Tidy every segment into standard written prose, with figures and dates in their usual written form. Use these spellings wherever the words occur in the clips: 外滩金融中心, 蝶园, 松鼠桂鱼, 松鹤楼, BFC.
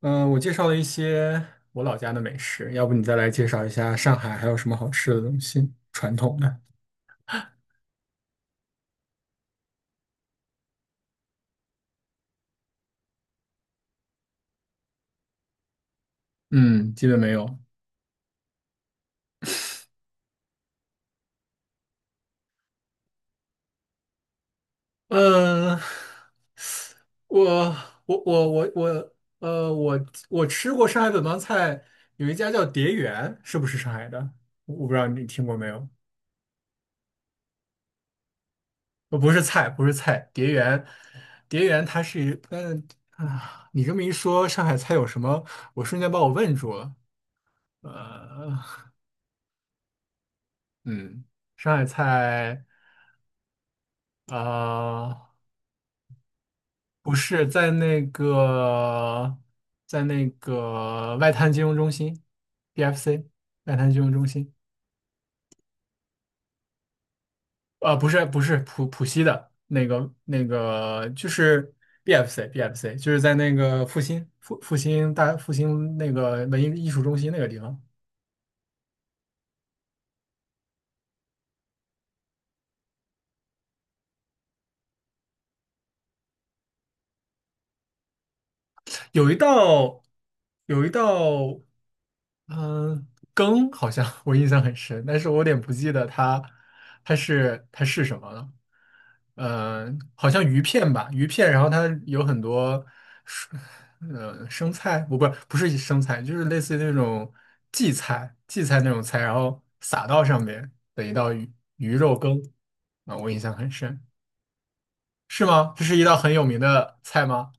嗯，我介绍了一些我老家的美食，要不你再来介绍一下上海还有什么好吃的东西，传统的？嗯，基本没有。嗯，我我吃过上海本帮菜，有一家叫蝶园，是不是上海的？我不知道你听过没有？呃，不是菜，不是菜，蝶园，蝶园它是一啊，你这么一说，上海菜有什么？我瞬间把我问住了。呃，嗯，上海菜啊、呃不是在那个外滩金融中心，BFC 外滩金融中心，呃，不是浦西的那个就是 BFC BFC 就是在那个复兴复复兴大复兴那个文艺艺术中心那个地方，有一道有一道。嗯，羹好像 我印象很深，但是我有点不记得它是什么了。嗯，好像鱼片吧，鱼片，然后它有很多蔬，呃，生菜，不不不是生菜，就是类似于那种荠菜那种菜，然后撒到上面的一道鱼肉羹啊，我印象很深，是吗？这是一道很有名的菜吗？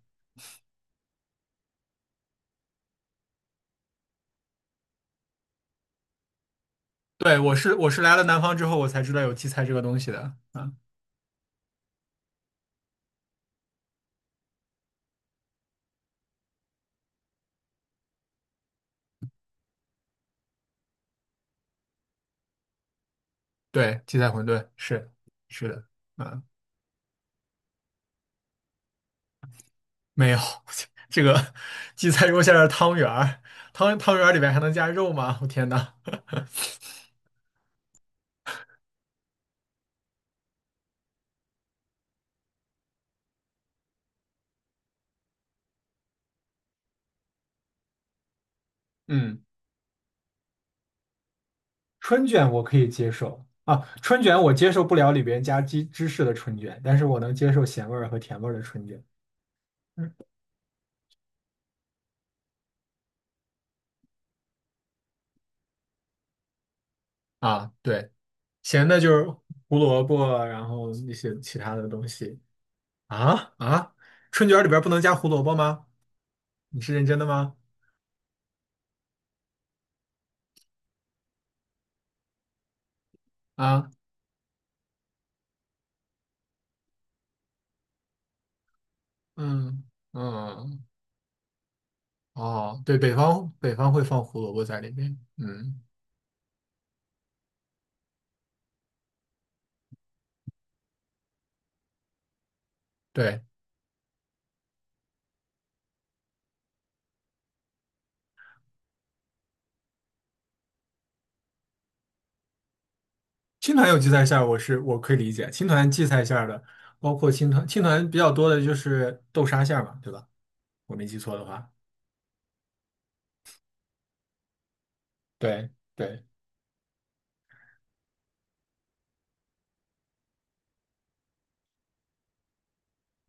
对，我是来了南方之后我才知道有荠菜这个东西的。啊。对，荠菜馄饨是是的，啊、没有 这个荠菜肉馅的汤圆儿，汤圆儿里面还能加肉吗？我天呐，嗯，春卷我可以接受啊，春卷我接受不了里边加鸡芝士的春卷，但是我能接受咸味儿和甜味儿的春卷。嗯啊，对，咸的就是胡萝卜啊，然后一些其他的东西啊啊，春卷儿里边儿不能加胡萝卜吗？你是认真的吗？啊，嗯嗯。哦，对，北方会放胡萝卜在里面。嗯，对，青团有荠菜馅儿，我可以理解。青团荠菜馅儿的，包括青团比较多的就是豆沙馅儿嘛，对吧？我没记错的话。对对，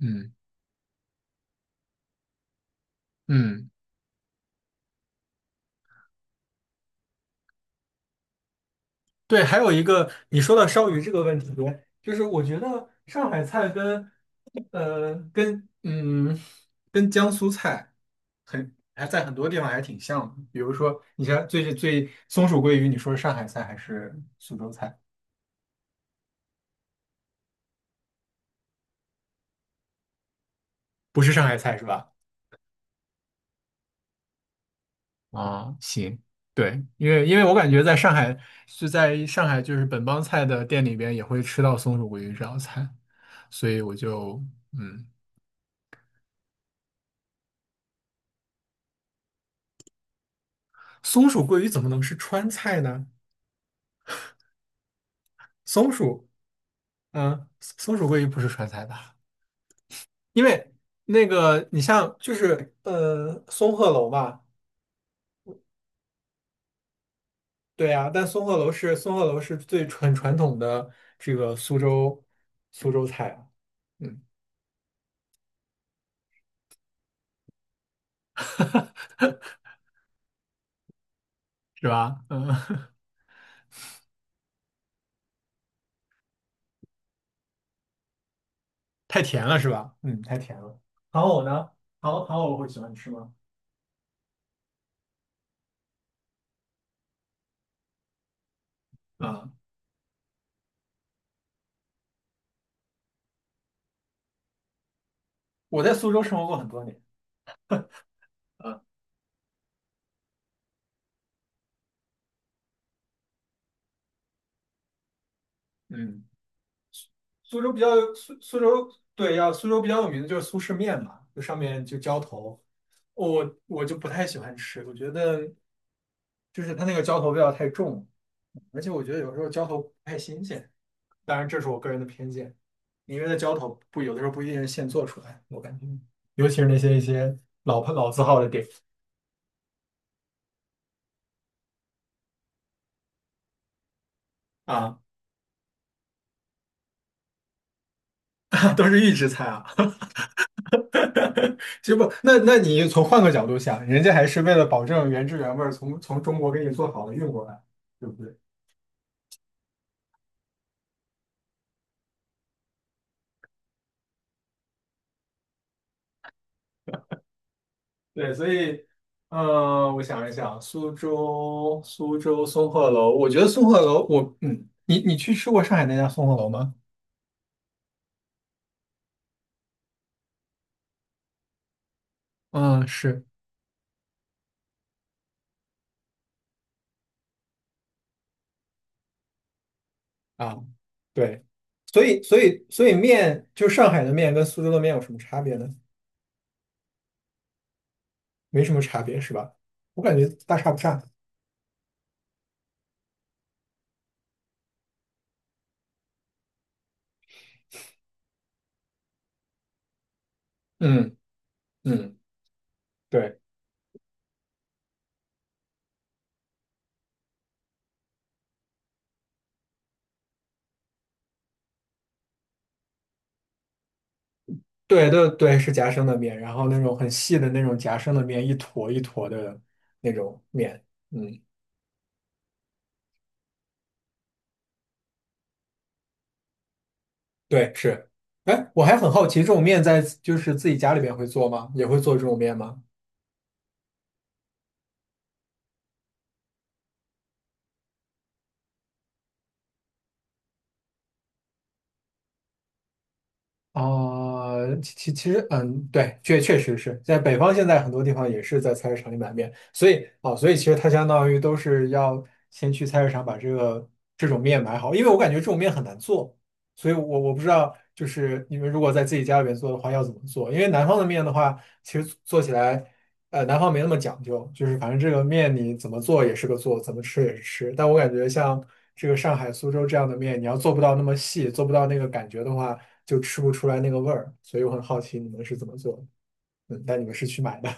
嗯嗯，对，还有一个你说到烧鱼这个问题，就是我觉得上海菜跟呃跟嗯江苏菜。很还在很多地方还挺像的。比如说，你像最松鼠桂鱼，你说是上海菜还是苏州菜？不是上海菜是吧？啊，行，对，因为我感觉在上海在上海就是本帮菜的店里边也会吃到松鼠桂鱼这道菜，所以我就嗯，松鼠桂鱼怎么能是川菜呢？松鼠，嗯，松鼠桂鱼不是川菜吧？因为那个你像就是呃松鹤楼吧。对呀，但松鹤楼是最很传统的这个苏州菜啊，嗯 是吧？嗯，太甜了是吧？嗯，太甜了。糖藕呢？糖藕会喜欢吃吗？啊，我在苏州生活过很多年啊，嗯，苏州比较苏州苏州比较有名的就是苏式面嘛，就上面就浇头，我就不太喜欢吃，我觉得就是它那个浇头味道太重了而且我觉得有时候浇头不太新鲜，当然这是我个人的偏见，因为的浇头不有的时候不一定是现做出来，我感觉，尤其是那些一些老牌老字号的店啊，都是预制菜啊。其实不，那你从换个角度想，人家还是为了保证原汁原味儿从中国给你做好了运过来，对不对？对，所以，呃，我想一想，苏州松鹤楼，我觉得松鹤楼，我嗯，你去吃过上海那家松鹤楼吗？嗯，是。啊，对，所以面，就是上海的面跟苏州的面有什么差别呢？没什么差别是吧？我感觉大差不差。嗯嗯，对对，是夹生的面，然后那种很细的那种夹生的面，一坨一坨的那种面。嗯，对，是。哎，我还很好奇，这种面在就是自己家里边会做吗？也会做这种面吗？啊、其实，嗯，对，确实是在北方，现在很多地方也是在菜市场里买面，所以啊、所以其实它相当于都是要先去菜市场把这种面买好，因为我感觉这种面很难做，所以我不知道，就是你们如果在自己家里面做的话要怎么做，因为南方的面的话，其实做起来，呃，南方没那么讲究，就是反正这个面你怎么做也是个做，怎么吃也是吃，但我感觉像这个上海、苏州这样的面，你要做不到那么细，做不到那个感觉的话。就吃不出来那个味儿，所以我很好奇你们是怎么做的。嗯，但你们是去买的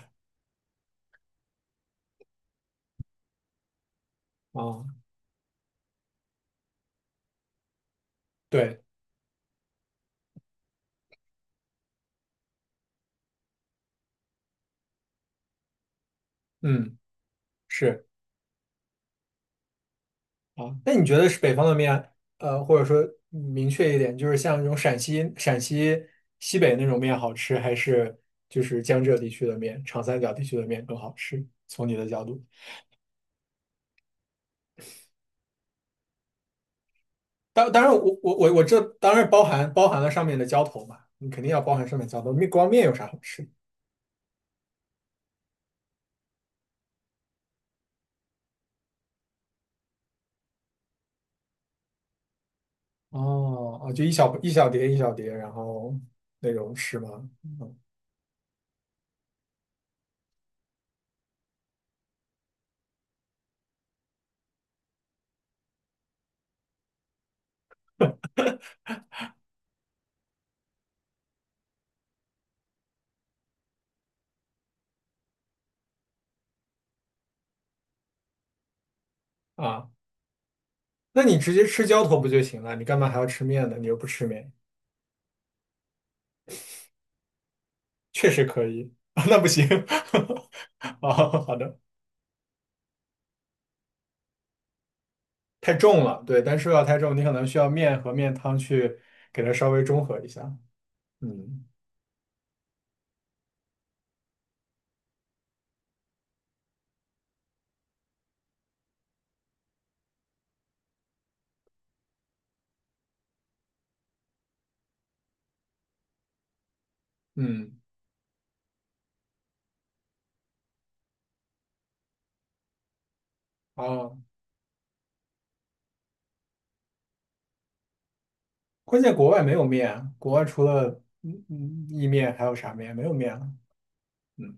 啊？对，嗯，是啊。那你觉得是北方的面，呃，或者说明确一点，就是像那种陕西西北那种面好吃，还是就是江浙地区的面、长三角地区的面更好吃？从你的角度，当当然我，我这当然包含了上面的浇头嘛，你肯定要包含上面浇头，面光面有啥好吃？哦哦，就一小碟一小碟，然后那种吃吗？嗯啊，那你直接吃浇头不就行了？你干嘛还要吃面呢？你又不吃面，确实可以啊，那不行 哦，好的，太重了，对，但是要太重，你可能需要面和面汤去给它稍微中和一下。嗯嗯，哦，关键国外没有面啊，国外除了嗯嗯意面还有啥面？没有面了。嗯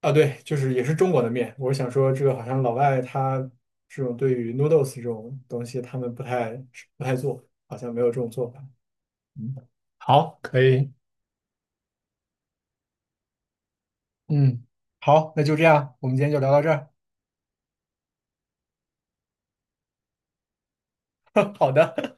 啊，对，就是也是中国的面。我想说，这个好像老外他这种对于 noodles 这种东西，他们不太做，好像没有这种做法。嗯，好，可以，嗯，好，那就这样，我们今天就聊到这儿。好的，